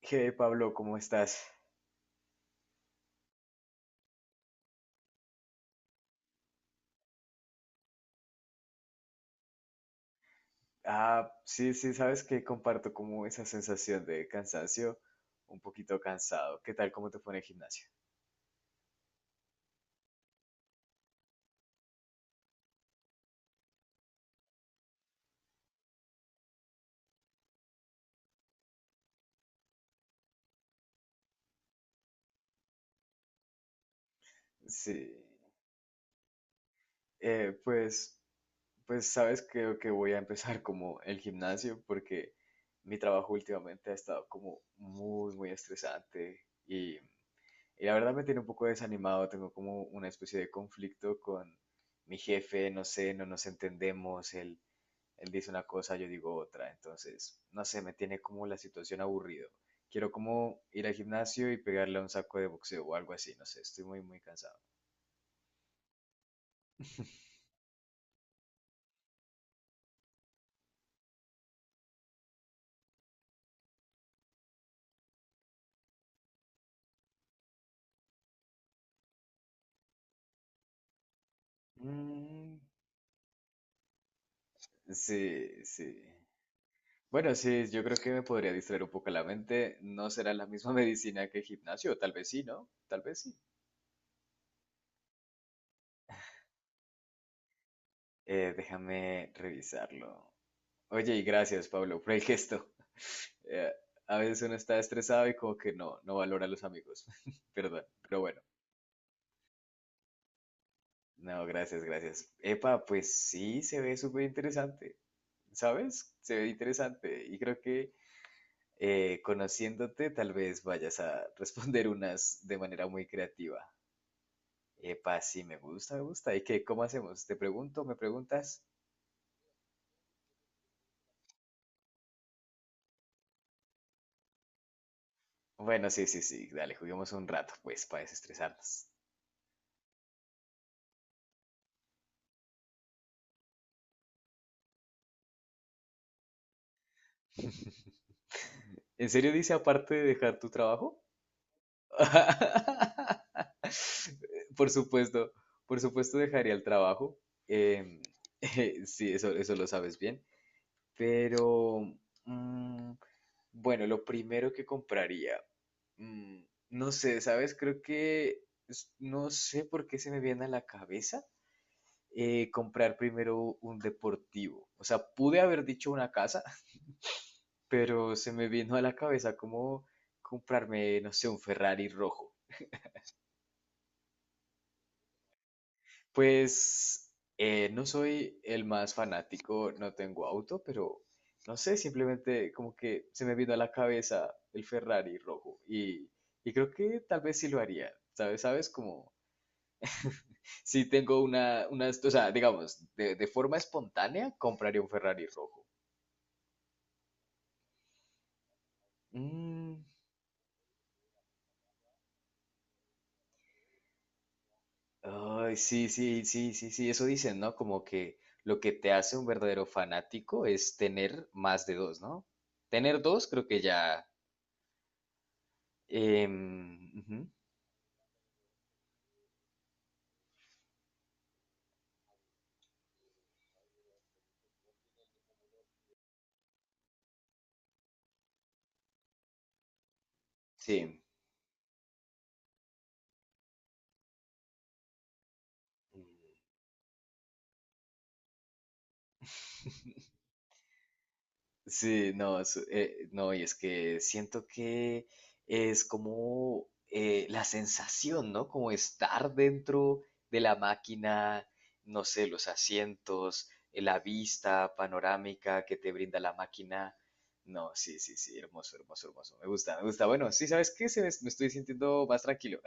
Hey Pablo, ¿cómo estás? Ah, sí, sí, sabes que comparto como esa sensación de cansancio, un poquito cansado. ¿Qué tal? ¿Cómo te fue en el gimnasio? Sí, eh, pues, pues sabes, creo que voy a empezar como el gimnasio porque mi trabajo últimamente ha estado como muy, muy estresante y, y la verdad me tiene un poco desanimado. Tengo como una especie de conflicto con mi jefe, no sé, no nos entendemos, él dice una cosa, yo digo otra. Entonces, no sé, me tiene como la situación aburrido. Quiero como ir al gimnasio y pegarle a un saco de boxeo o algo así. No sé, estoy muy, muy cansado. Mm, sí, sí. Bueno, sí, yo creo que me podría distraer un poco la mente. No será la misma medicina que el gimnasio, tal vez sí, ¿no? Tal vez sí. Déjame revisarlo. Oye, y gracias, Pablo, por el gesto. Eh, a veces uno está estresado y como que no, no valora a los amigos. Perdón, pero bueno. No, gracias, gracias. Epa, pues sí, se ve súper interesante, ¿sabes? Se ve interesante y creo que conociéndote tal vez vayas a responder unas de manera muy creativa. Epa, sí, me gusta, me gusta. ¿Y qué? ¿Cómo hacemos? ¿Te pregunto? ¿Me preguntas? Bueno, sí, sí, sí, dale, juguemos un rato, pues, para desestresarnos. ¿En serio dice aparte de dejar tu trabajo? Por supuesto, por supuesto dejaría el trabajo. em, sí, eso lo sabes bien. Pero, mm, bueno, lo primero que compraría, mm, no sé, ¿sabes? Creo que, no sé por qué se me viene a la cabeza comprar primero un deportivo. O sea, pude haber dicho una casa, pero se me vino a la cabeza como comprarme, no sé, un Ferrari rojo. Pues no soy el más fanático, no tengo auto, pero no sé, simplemente como que se me vino a la cabeza el Ferrari rojo y creo que tal vez sí lo haría, ¿sabes? ¿Sabes? Como si tengo una, o sea, digamos, de forma espontánea compraría un Ferrari rojo. Mm, ay, sí, sí, sí, sí, sí, eso dicen, ¿no? Como que lo que te hace un verdadero fanático es tener más de dos, ¿no? Tener dos, creo que ya. Ujú, sí. Sí, no, no, y es que siento que es como la sensación, ¿no? Como estar dentro de la máquina, no sé, los asientos, la vista panorámica que te brinda la máquina. No, sí, sí, sí, hermoso, hermoso, hermoso. Me gusta, me gusta. Bueno, sí, ¿sabes qué? Me estoy sintiendo más tranquilo.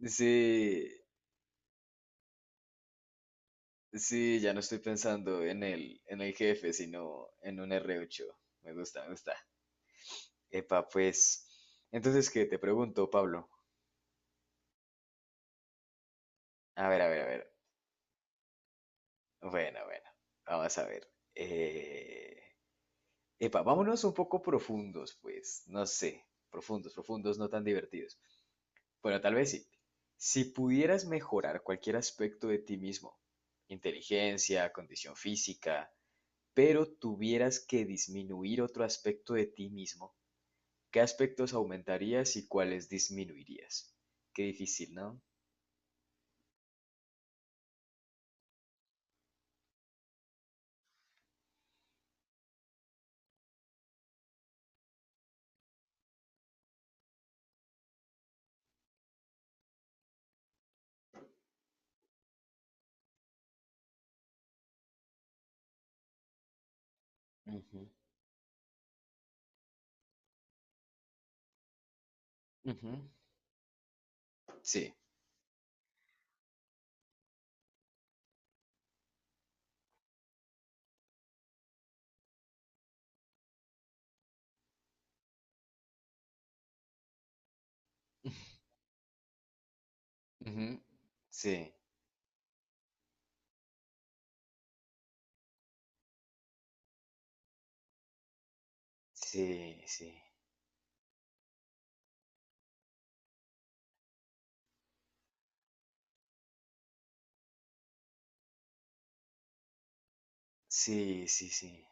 Sí, sí, ya no estoy pensando en el jefe, sino en un R8. Me gusta, me gusta. Epa, pues. Entonces, ¿qué te pregunto, Pablo? A ver, a ver, a ver. Bueno, bueno. Vamos a ver. Eh, Epa, vámonos un poco profundos, pues. No sé. Profundos, profundos, no tan divertidos. Bueno, tal vez sí. Si pudieras mejorar cualquier aspecto de ti mismo, inteligencia, condición física, pero tuvieras que disminuir otro aspecto de ti mismo, ¿qué aspectos aumentarías y cuáles disminuirías? Qué difícil, ¿no? Ujú, ujú, sí, ujú. Sí, sí, sí, sí, sí, sí.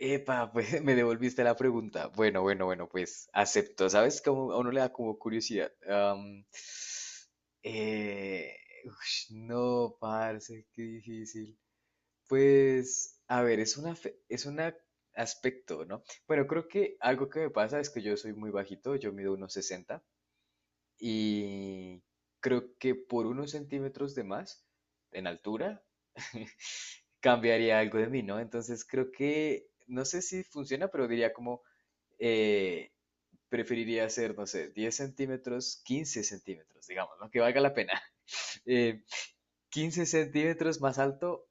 Epa, pues me devolviste la pregunta. Bueno, bueno, bueno, pues acepto. ¿Sabes? Como a uno le da como curiosidad. Eh, ush, no, parce, qué difícil. Pues, a ver, es un aspecto, ¿no? Bueno, creo que algo que me pasa es que yo soy muy bajito, yo mido unos 60 y creo que por unos centímetros de más en altura cambiaría algo de mí, ¿no? Entonces creo que, no sé si funciona, pero diría como, eh, preferiría hacer, no sé, 10 centímetros, 15 centímetros, digamos, ¿no? Que valga la pena. Eh, 15 centímetros más alto.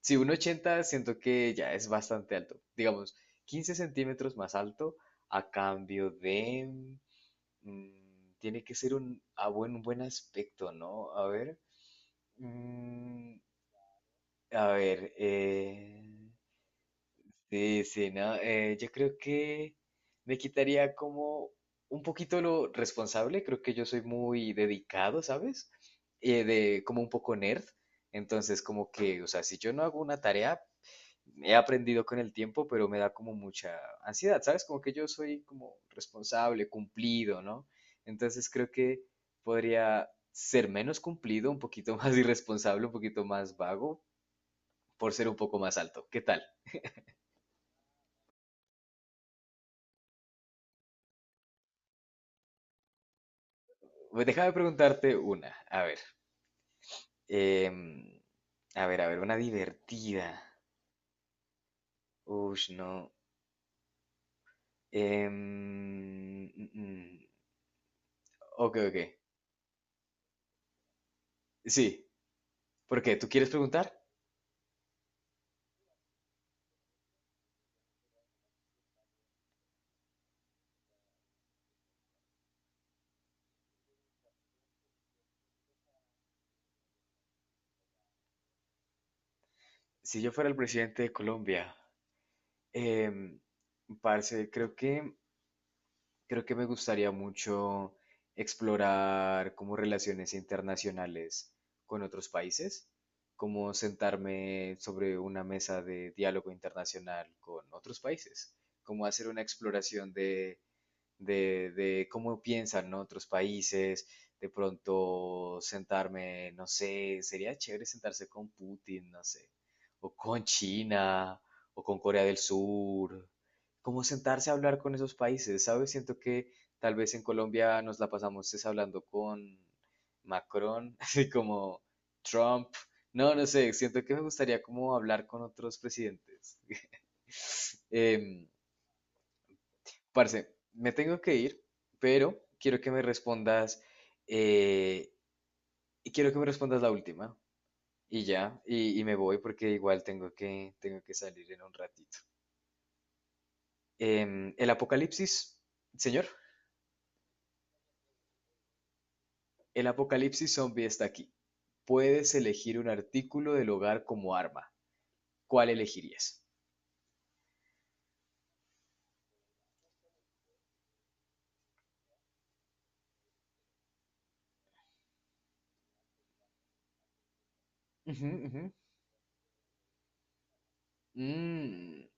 Si 1,80 siento que ya es bastante alto. Digamos, 15 centímetros más alto a cambio de. Tiene que ser un buen aspecto, ¿no? A ver. mm, a ver. Sí, sí, ¿no? Yo creo que me quitaría como un poquito lo responsable. Creo que yo soy muy dedicado, ¿sabes? De, como un poco nerd. Entonces, como que, o sea, si yo no hago una tarea, he aprendido con el tiempo, pero me da como mucha ansiedad, ¿sabes? Como que yo soy como responsable, cumplido, ¿no? Entonces creo que podría ser menos cumplido, un poquito más irresponsable, un poquito más vago, por ser un poco más alto. ¿Qué tal? Pues, déjame preguntarte una. A ver. em, a ver, a ver, una divertida. Uy, no. Mm, mm. Ok, ok. Sí. ¿Por qué? ¿Tú quieres preguntar? Si yo fuera el presidente de Colombia, Em, parce, creo que me gustaría mucho explorar como relaciones internacionales con otros países, como sentarme sobre una mesa de diálogo internacional con otros países, como hacer una exploración de, cómo piensan, ¿no?, otros países, de pronto sentarme, no sé, sería chévere sentarse con Putin, no sé, o con China, o con Corea del Sur, como sentarse a hablar con esos países, ¿sabes? Siento que tal vez en Colombia nos la pasamos es hablando con Macron, así como Trump, no, no sé, siento que me gustaría como hablar con otros presidentes. Em, Parce, me tengo que ir, pero quiero que me respondas, eh, y quiero que me respondas la última, y ya, y me voy porque igual tengo que salir en un ratito. El apocalipsis, señor, el apocalipsis zombie está aquí. Puedes elegir un artículo del hogar como arma. ¿Cuál elegirías? Ujú, ujú. Mm,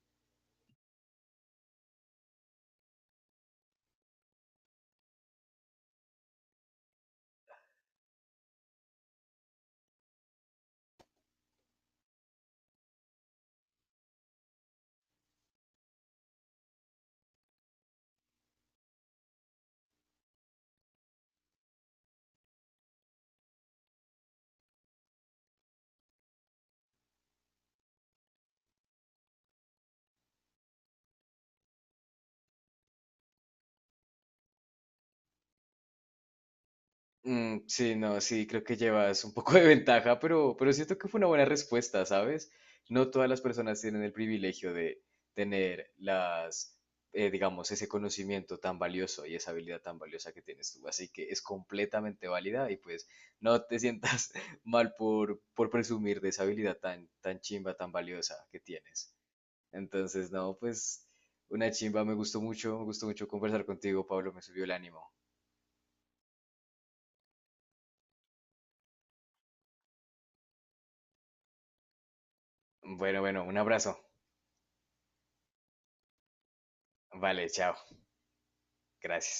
mm, sí, no, sí, creo que llevas un poco de ventaja, pero, siento que fue una buena respuesta, ¿sabes? No todas las personas tienen el privilegio de tener las, digamos, ese conocimiento tan valioso y esa habilidad tan valiosa que tienes tú, así que es completamente válida y pues no te sientas mal por, presumir de esa habilidad tan, tan chimba, tan valiosa que tienes. Entonces, no, pues una chimba, me gustó mucho conversar contigo, Pablo, me subió el ánimo. Bueno, bueno, un abrazo. Vale, chao. Gracias.